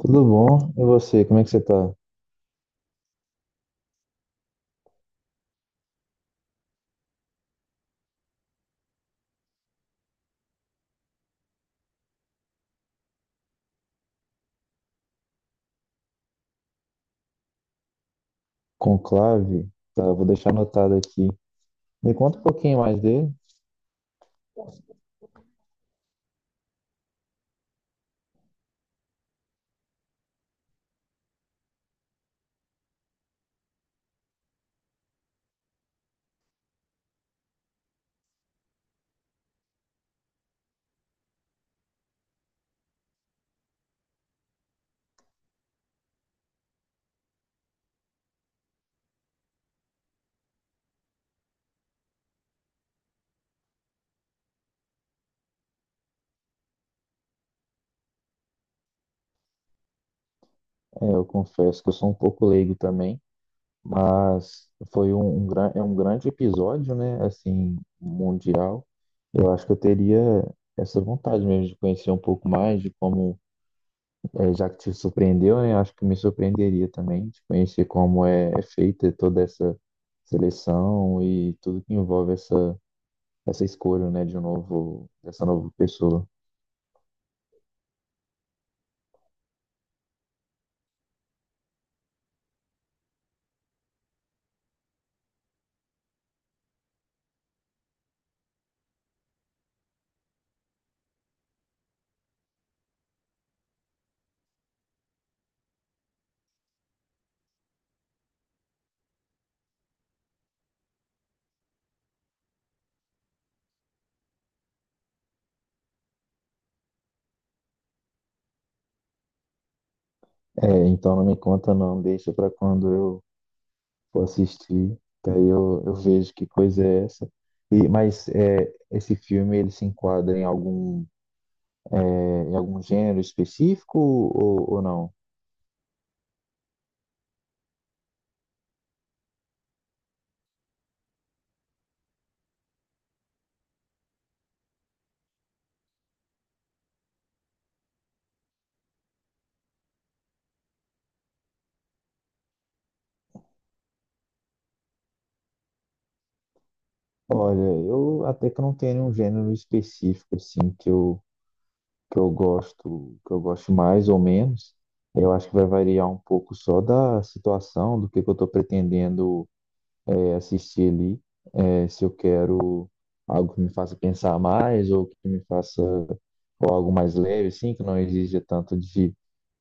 Tudo bom? E você, como é que você tá? Conclave? Tá, vou deixar anotado aqui. Me conta um pouquinho mais dele. É, eu confesso que eu sou um pouco leigo também, mas foi um, um, é um grande episódio, né? Assim, mundial. Eu acho que eu teria essa vontade mesmo de conhecer um pouco mais de como, é, já que te surpreendeu, né? Acho que me surpreenderia também de conhecer como é, é feita toda essa seleção e tudo que envolve essa. Essa escolha, né, de um novo, dessa nova pessoa. É, então não me conta não, deixa para quando eu for assistir, que aí eu vejo que coisa é essa. E, mas é, esse filme ele se enquadra em algum, é, em algum gênero específico ou não? Olha, eu até que não tenho um gênero específico assim que eu gosto mais ou menos. Eu acho que vai variar um pouco só da situação, do que eu estou pretendendo é, assistir ali. É, se eu quero algo que me faça pensar mais ou que me faça ou algo mais leve, assim, que não exija tanto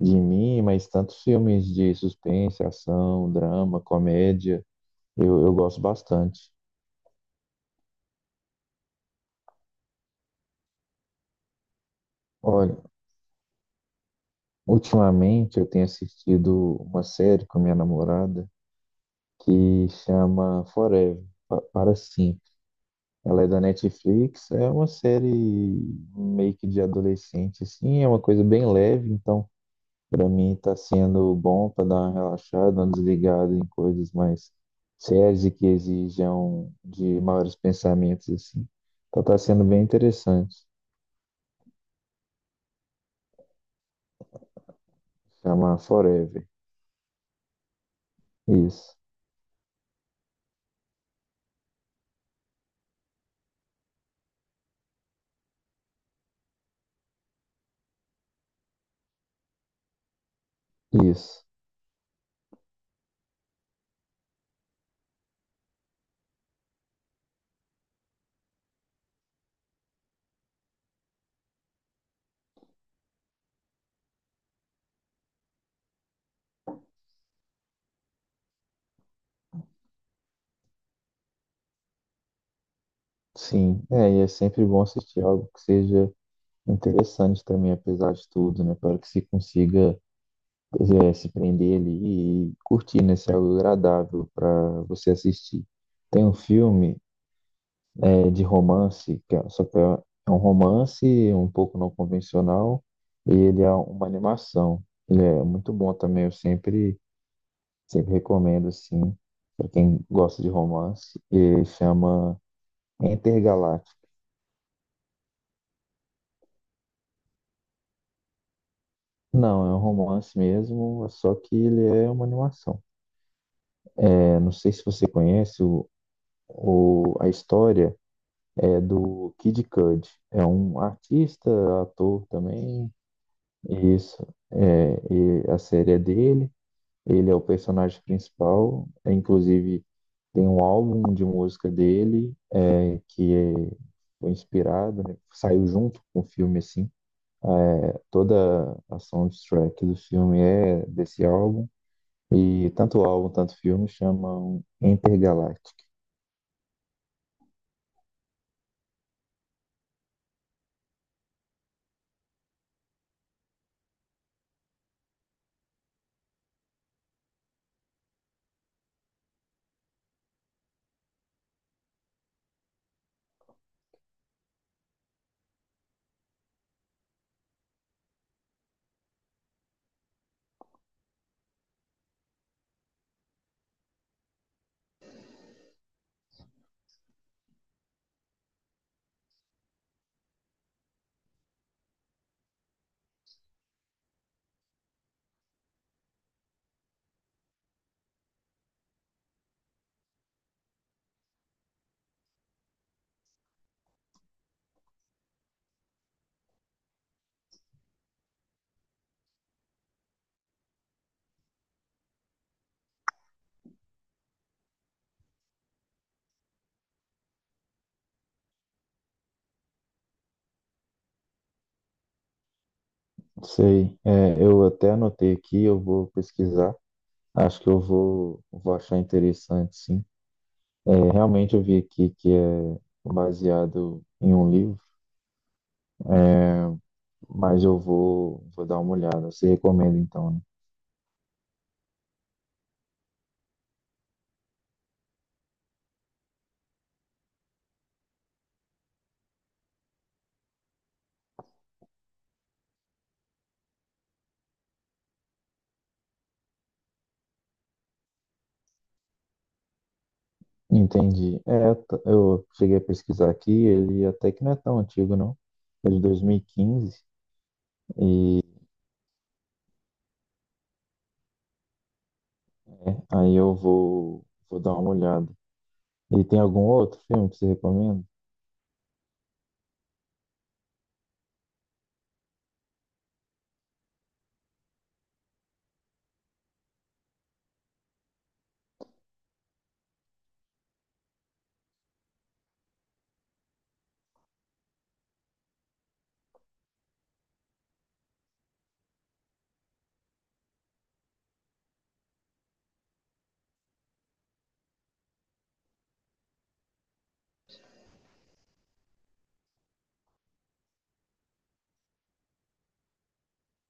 de mim, mas tantos filmes de suspense, ação, drama, comédia, eu gosto bastante. Olha, ultimamente eu tenho assistido uma série com a minha namorada que chama Forever, para sempre. Ela é da Netflix, é uma série meio que de adolescente, assim, é uma coisa bem leve, então para mim está sendo bom para dar uma relaxada, uma desligada em coisas mais sérias e que exijam de maiores pensamentos assim. Então está sendo bem interessante. Chamar Forever. Isso, isso. Sim, é, e é sempre bom assistir algo que seja interessante também, apesar de tudo, né? Para que se consiga é, se prender ali e curtir, né? Ser algo agradável para você assistir. Tem um filme é, de romance, só que é é um romance um pouco não convencional e ele é uma animação. Ele é muito bom também, eu sempre, sempre recomendo, assim, para quem gosta de romance. E chama Intergaláctico. Não, é um romance mesmo, só que ele é uma animação. É, não sei se você conhece o, a história é do Kid Cudi. É um artista, ator também. Isso. É, e a série é dele. Ele é o personagem principal, é, inclusive tem um álbum de música dele é, foi inspirado, né? Saiu junto com o filme, assim. Toda a soundtrack do filme é desse álbum. E tanto o álbum, tanto o filme chamam Intergalactic. Sei, é, eu até anotei aqui, eu vou pesquisar. Acho que vou achar interessante, sim. É, realmente eu vi aqui que é baseado em um livro. É, mas vou dar uma olhada. Você recomenda então, né? Entendi. É, eu cheguei a pesquisar aqui, ele até que não é tão antigo, não. É de 2015. E quinze. E aí vou dar uma olhada. E tem algum outro filme que você recomenda?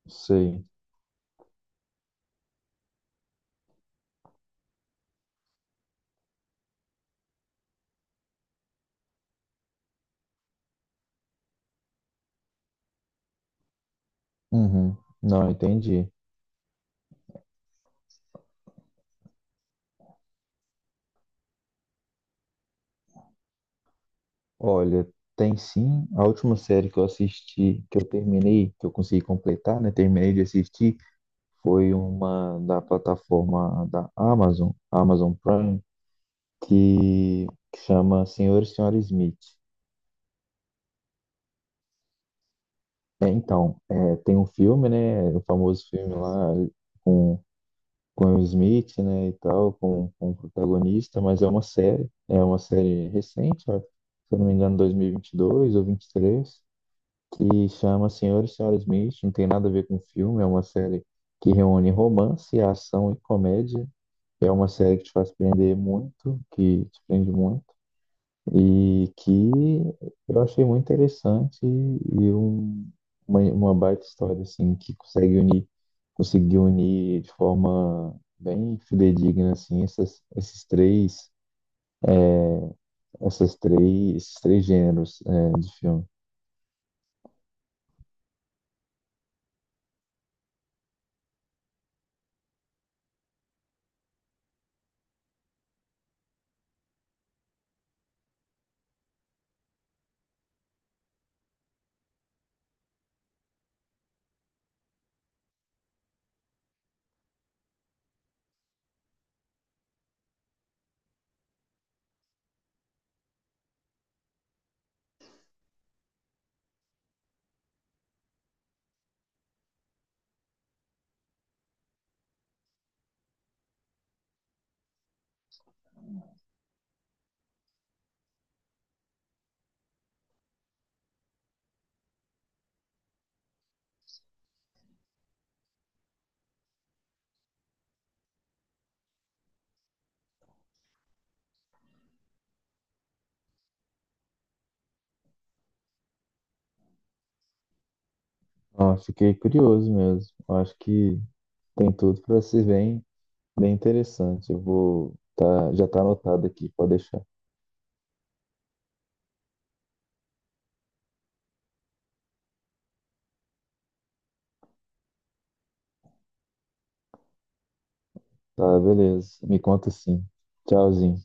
Sei. Uhum. Não, entendi. Olha, tem sim. A última série que eu assisti, que eu terminei, que eu consegui completar, né? Terminei de assistir, foi uma da plataforma da Amazon, Amazon Prime. que, que chama Senhor e Senhora Smith. É, então, é, tem um filme, né? O famoso filme lá com o Smith, né? E tal, com o protagonista, mas é uma série recente, ó, se eu não me engano, 2022 ou 23, que chama Senhor e Senhora Smith. Não tem nada a ver com filme, é uma série que reúne romance, ação e comédia. É uma série que te faz prender muito, que te prende muito. E que eu achei muito interessante e um, uma baita história, assim, que consegue unir, conseguiu unir de forma bem fidedigna, assim, essas, esses três, essas três, esses três gêneros, é, de filme. Ah, fiquei curioso mesmo. Eu acho que tem tudo para ser bem, bem interessante. Eu vou, tá, já tá anotado aqui, pode deixar. Tá, beleza. Me conta sim. Tchauzinho.